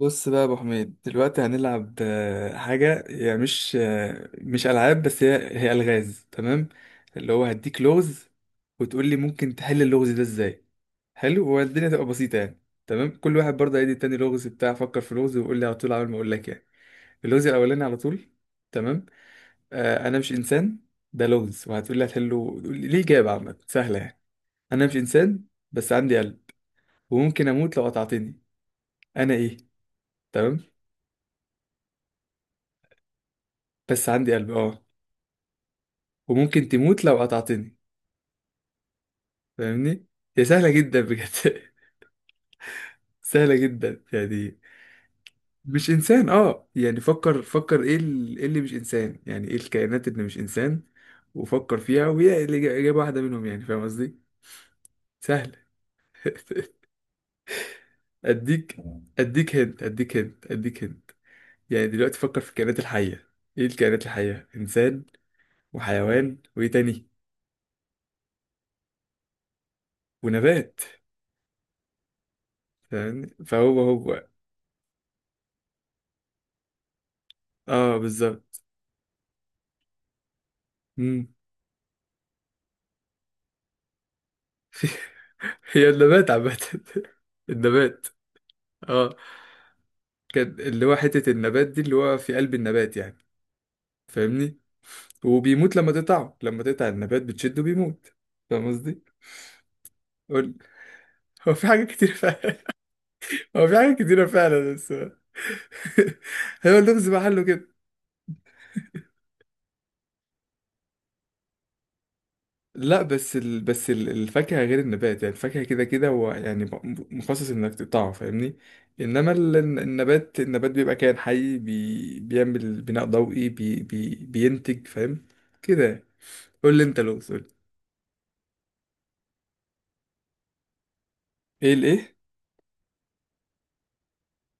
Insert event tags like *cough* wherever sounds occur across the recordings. بص بقى يا ابو حميد دلوقتي هنلعب حاجه، هي مش العاب، بس هي الغاز. تمام، اللي هو هديك لغز وتقول لي ممكن تحل اللغز ده ازاي. حلو، والدنيا تبقى بسيطه يعني. تمام، كل واحد برضه هيدي التاني لغز. بتاع فكر في لغز ويقول لي على طول، عمال ما اقول لك يعني. اللغز الاولاني على طول. تمام. انا مش انسان. ده لغز، وهتقول لي هتحله، تقول لي ليه اجابه عامه سهله يعني. انا مش انسان، بس عندي قلب، وممكن اموت لو قطعتني. انا ايه؟ تمام. بس عندي قلب، اه. وممكن تموت لو قطعتني. فاهمني؟ هي سهلة جدا بجد. *laughs* سهلة جدا يعني. مش إنسان، اه. يعني فكر، إيه اللي مش إنسان؟ يعني ايه الكائنات اللي مش إنسان؟ وفكر فيها، وهي إجابة واحدة منهم، يعني فاهم قصدي؟ سهلة. *laughs* أديك. أديك هنت. يعني دلوقتي فكر في الكائنات الحية. ايه الكائنات الحية؟ إنسان، وحيوان، وايه تاني؟ ونبات. فاهمني؟ فهو اه، بالظبط. مم. *laughs* هي النبات عامة. *laughs* النبات، اه. كان اللي هو حتة النبات دي، اللي هو في قلب النبات يعني. فاهمني؟ وبيموت لما تقطعه، لما تقطع النبات بتشده بيموت. فاهم قصدي؟ قول. *laughs* هو في حاجات كتير فعلا. *laughs* هو في حاجات كتيرة فعلا، بس *laughs* هو اللغز محله كده. لا، الفاكهة غير النبات. يعني الفاكهة كده كده هو يعني مخصص انك تقطعه، فاهمني؟ انما النبات بيبقى كائن حي، بيعمل بناء ضوئي، بينتج. فاهم؟ كده يعني. قول لي انت لو سؤال. ايه الايه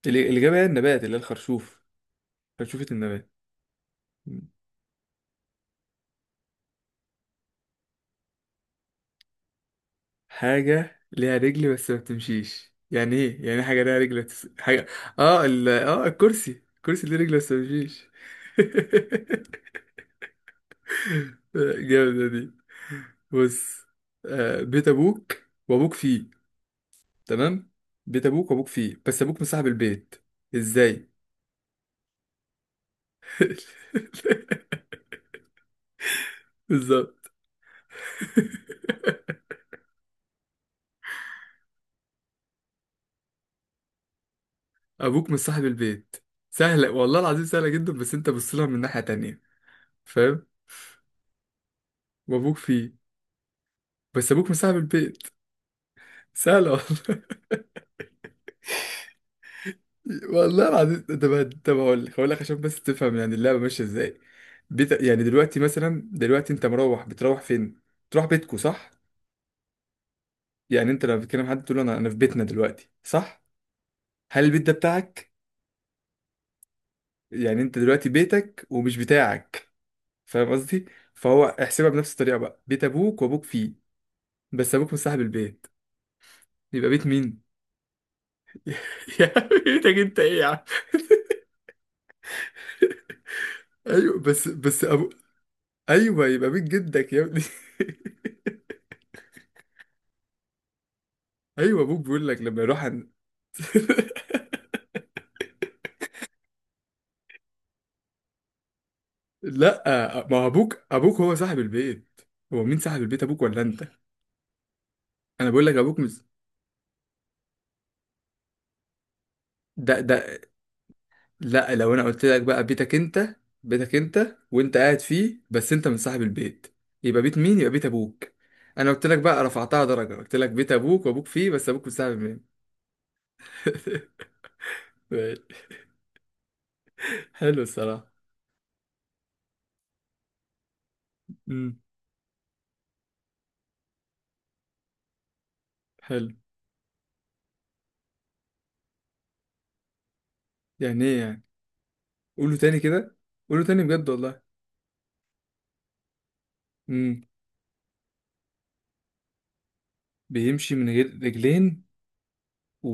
الإجابة هي النبات، اللي هي الخرشوف. خرشوفة النبات. حاجة ليها رجل بس ما بتمشيش. يعني ايه؟ يعني إيه حاجة ليها رجل بس؟ حاجة. اه الكرسي. الكرسي ليه رجل بس ما بيمشيش. *laughs* *laughs* جامدة دي. بص. بيت أبوك وأبوك فيه. تمام. بيت أبوك وأبوك فيه، بس أبوك مصاحب البيت. إزاي؟ *laughs* بالظبط. أبوك مصاحب البيت. سهلة والله العظيم، سهلة جدا، بس أنت بص لها من ناحية تانية. فاهم؟ وأبوك فيه، بس أبوك مصاحب البيت. سهلة والله. والله العظيم. طب هقول لك، هقول لك عشان بس تفهم يعني اللعبه ماشيه ازاي. بيت، يعني دلوقتي مثلا، دلوقتي انت مروح، بتروح فين؟ تروح بيتكو، صح؟ يعني انت لما بتتكلم مع حد تقول له انا انا في بيتنا دلوقتي، صح؟ هل البيت ده بتاعك؟ يعني انت دلوقتي بيتك ومش بتاعك. فاهم قصدي؟ فهو احسبها بنفس الطريقه بقى. بيت ابوك وابوك فيه بس ابوك مش صاحب البيت، يبقى بيت مين؟ *laughs* يا عم بيتك انت ايه يا عم؟ ايوه، بس ابو، ايوه يبقى بيت جدك يا ابني. *laughs* ايوه، ابوك بيقول لك لما يروح عند. *laughs* لا، ما هو ابوك، هو صاحب البيت. هو مين صاحب البيت، ابوك ولا انت؟ انا بقول لك ابوك مش. ده لا، لو انا قلت لك بقى بيتك انت، بيتك انت وانت قاعد فيه بس انت من صاحب البيت، يبقى بيت مين؟ يبقى بيت ابوك. انا قلت لك بقى رفعتها درجة، قلت لك بيت ابوك وابوك فيه بس ابوك مش صاحب مين. *laughs* حلو الصراحة. امم حلو. يعني ايه يعني؟ قوله تاني كده. قوله تاني بجد والله. امم. بيمشي من غير رجلين، و...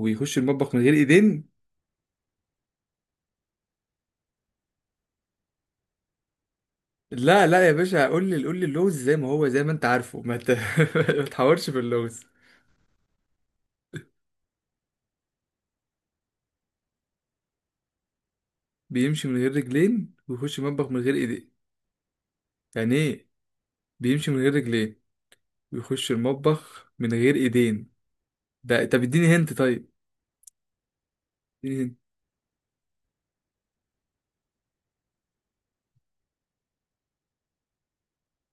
ويخش المطبخ من غير ايدين. لا لا يا باشا، قول لي، قول لي اللغز زي ما هو، زي ما انت عارفه، ما ت- *laughs* ما تحورش في اللغز. بيمشي من غير رجلين ويخش المطبخ من غير ايدين. يعني ايه؟ بيمشي من غير رجلين ويخش المطبخ من غير ايدين. ده طب اديني هنت طيب. اديني هنت.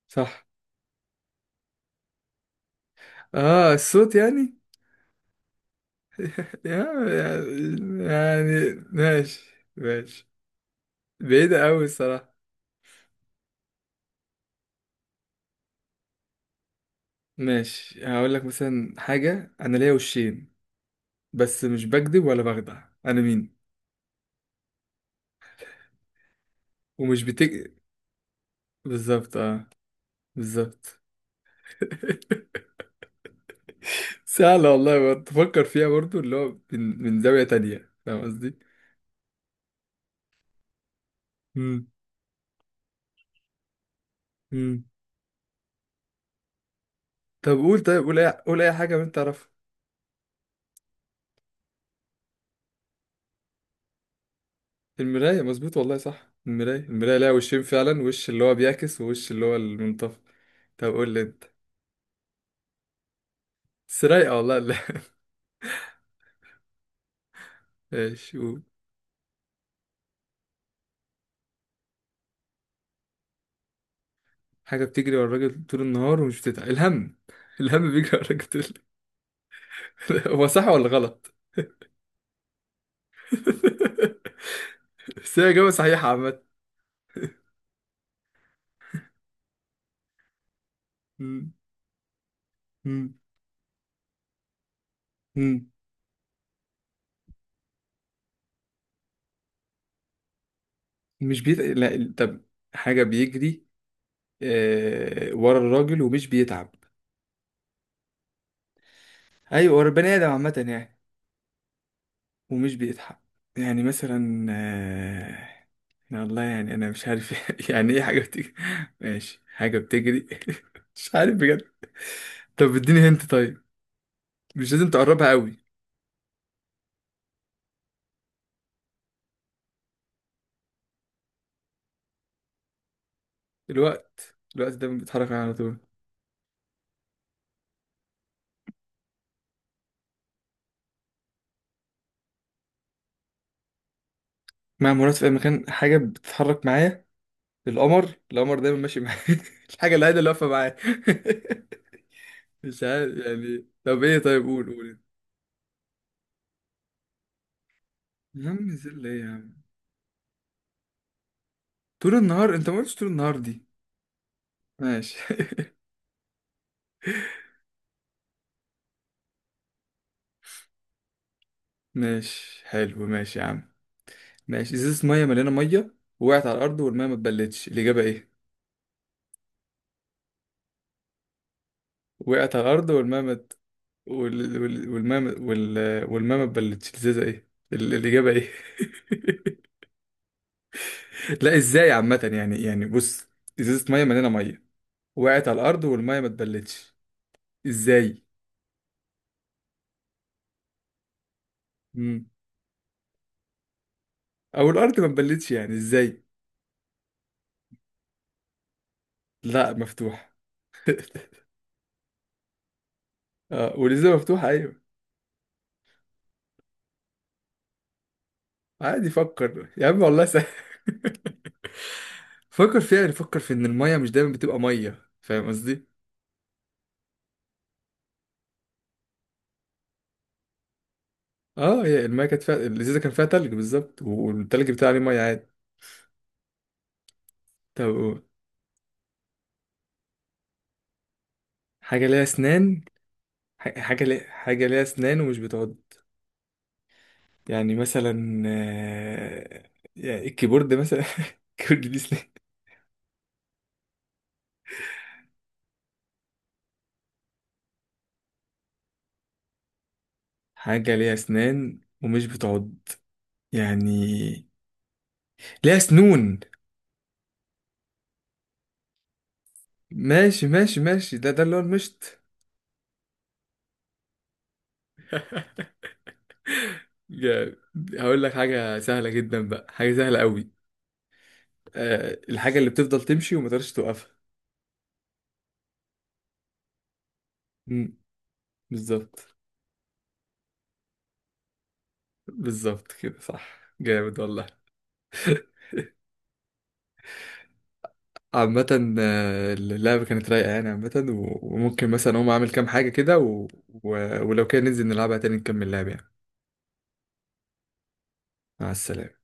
صح. اه الصوت يعني. *laughs* يعني. يعني ماشي. ماشي. بعيدة قوي الصراحة. ماشي، هقول لك مثلا حاجة. انا ليا وشين بس مش بكذب ولا بخدع، انا مين؟ ومش بتك. بالظبط، اه. بالظبط. *laughs* سهلة والله. تفكر فيها برضو اللي هو من زاوية تانية، فاهم قصدي؟ مم. مم. طب قول، طيب قول أي، قول أي حاجة من تعرفها. المراية، مظبوط والله، صح. المراية، ليها وشين فعلا، وش اللي هو بيعكس ووش اللي هو المنطفئ. طب قول لي أنت. بس رايقة والله، لا. *laughs* ماشي، قول. حاجة بتجري ورا الراجل طول النهار ومش بتتعب. الهم. الهم بيجري ورا الراجل طول. *laughs* هو صح ولا غلط؟ *laughs* بس هي إجابة صحيحة عامة. مم. مم. مم. مش بيت... لا ال- طب. حاجة بيجري، ورا الراجل ومش بيتعب. أيوة، ورا البني آدم عامة يعني، ومش بيتعب. يعني مثلا يا الله، يعني أنا مش عارف. *laughs* يعني إيه حاجة بتجري؟ ماشي، حاجة بتجري. *laughs* مش عارف بجد. طب اديني هنت طيب. مش لازم تقربها قوي. الوقت، دايما بيتحرك معايا على طول. مع مرات في أي مكان، حاجة بتتحرك معايا. القمر، دايما ماشي معايا. *laughs* الحاجة الوحيدة اللي واقفة معايا. *laughs* مش عارف يعني. طب ايه؟ طيب قول، انت. يا عم زل ايه يا عم؟ طول النهار، انت ما قلتش طول النهار دي. ماشي. *laughs* ماشي، حلو، ماشي يا عم. ماشي. ازازة مية مليانة مية وقعت على الأرض والمية ما اتبلتش، الإجابة ايه؟ وقعت على الأرض والمية ما ات- وال... وال... والمية ما- وال... والمية ما اتبلتش، الإجابة ايه؟ *laughs* لا، ازاي عامة يعني. يعني بص، إزازة مية مليانة مية وقعت على الأرض والمية ما اتبلتش، ازاي؟ مم. أو الأرض ما اتبلتش يعني، ازاي؟ لا، مفتوحة. اه، ولسه مفتوحة، ايوه. عادي، فكر يا عم والله سهل. *laughs* فكر فيها، يعني فكر في ان المية مش دايما بتبقى مية، فاهم قصدي؟ اه، هي المية كانت فيها، الازازة كان فيها تلج، بالظبط، والتلج بتاع عليه مية عادي. طب قول. حاجة ليها اسنان. حاجة ليها اسنان ومش بتعض. يعني مثلا يعني الكيبورد مثلا. *laughs* الكيبورد ليه اسنان. حاجة ليها اسنان ومش بتعض. يعني ليها سنون. ماشي ماشي. ده اللي هو المشط. جامد. هقول لك حاجة سهلة جدا بقى، حاجة سهلة قوي. أه، الحاجة اللي بتفضل تمشي وما تقدرش توقفها. مم، بالظبط. بالظبط كده، صح، جامد والله. *laughs* عامة اللعبة كانت رايقة يعني عامة، وممكن مثلا أقوم أعمل كام حاجة كده ولو كان ننزل نلعبها تاني نكمل لعب يعني. مع السلامة.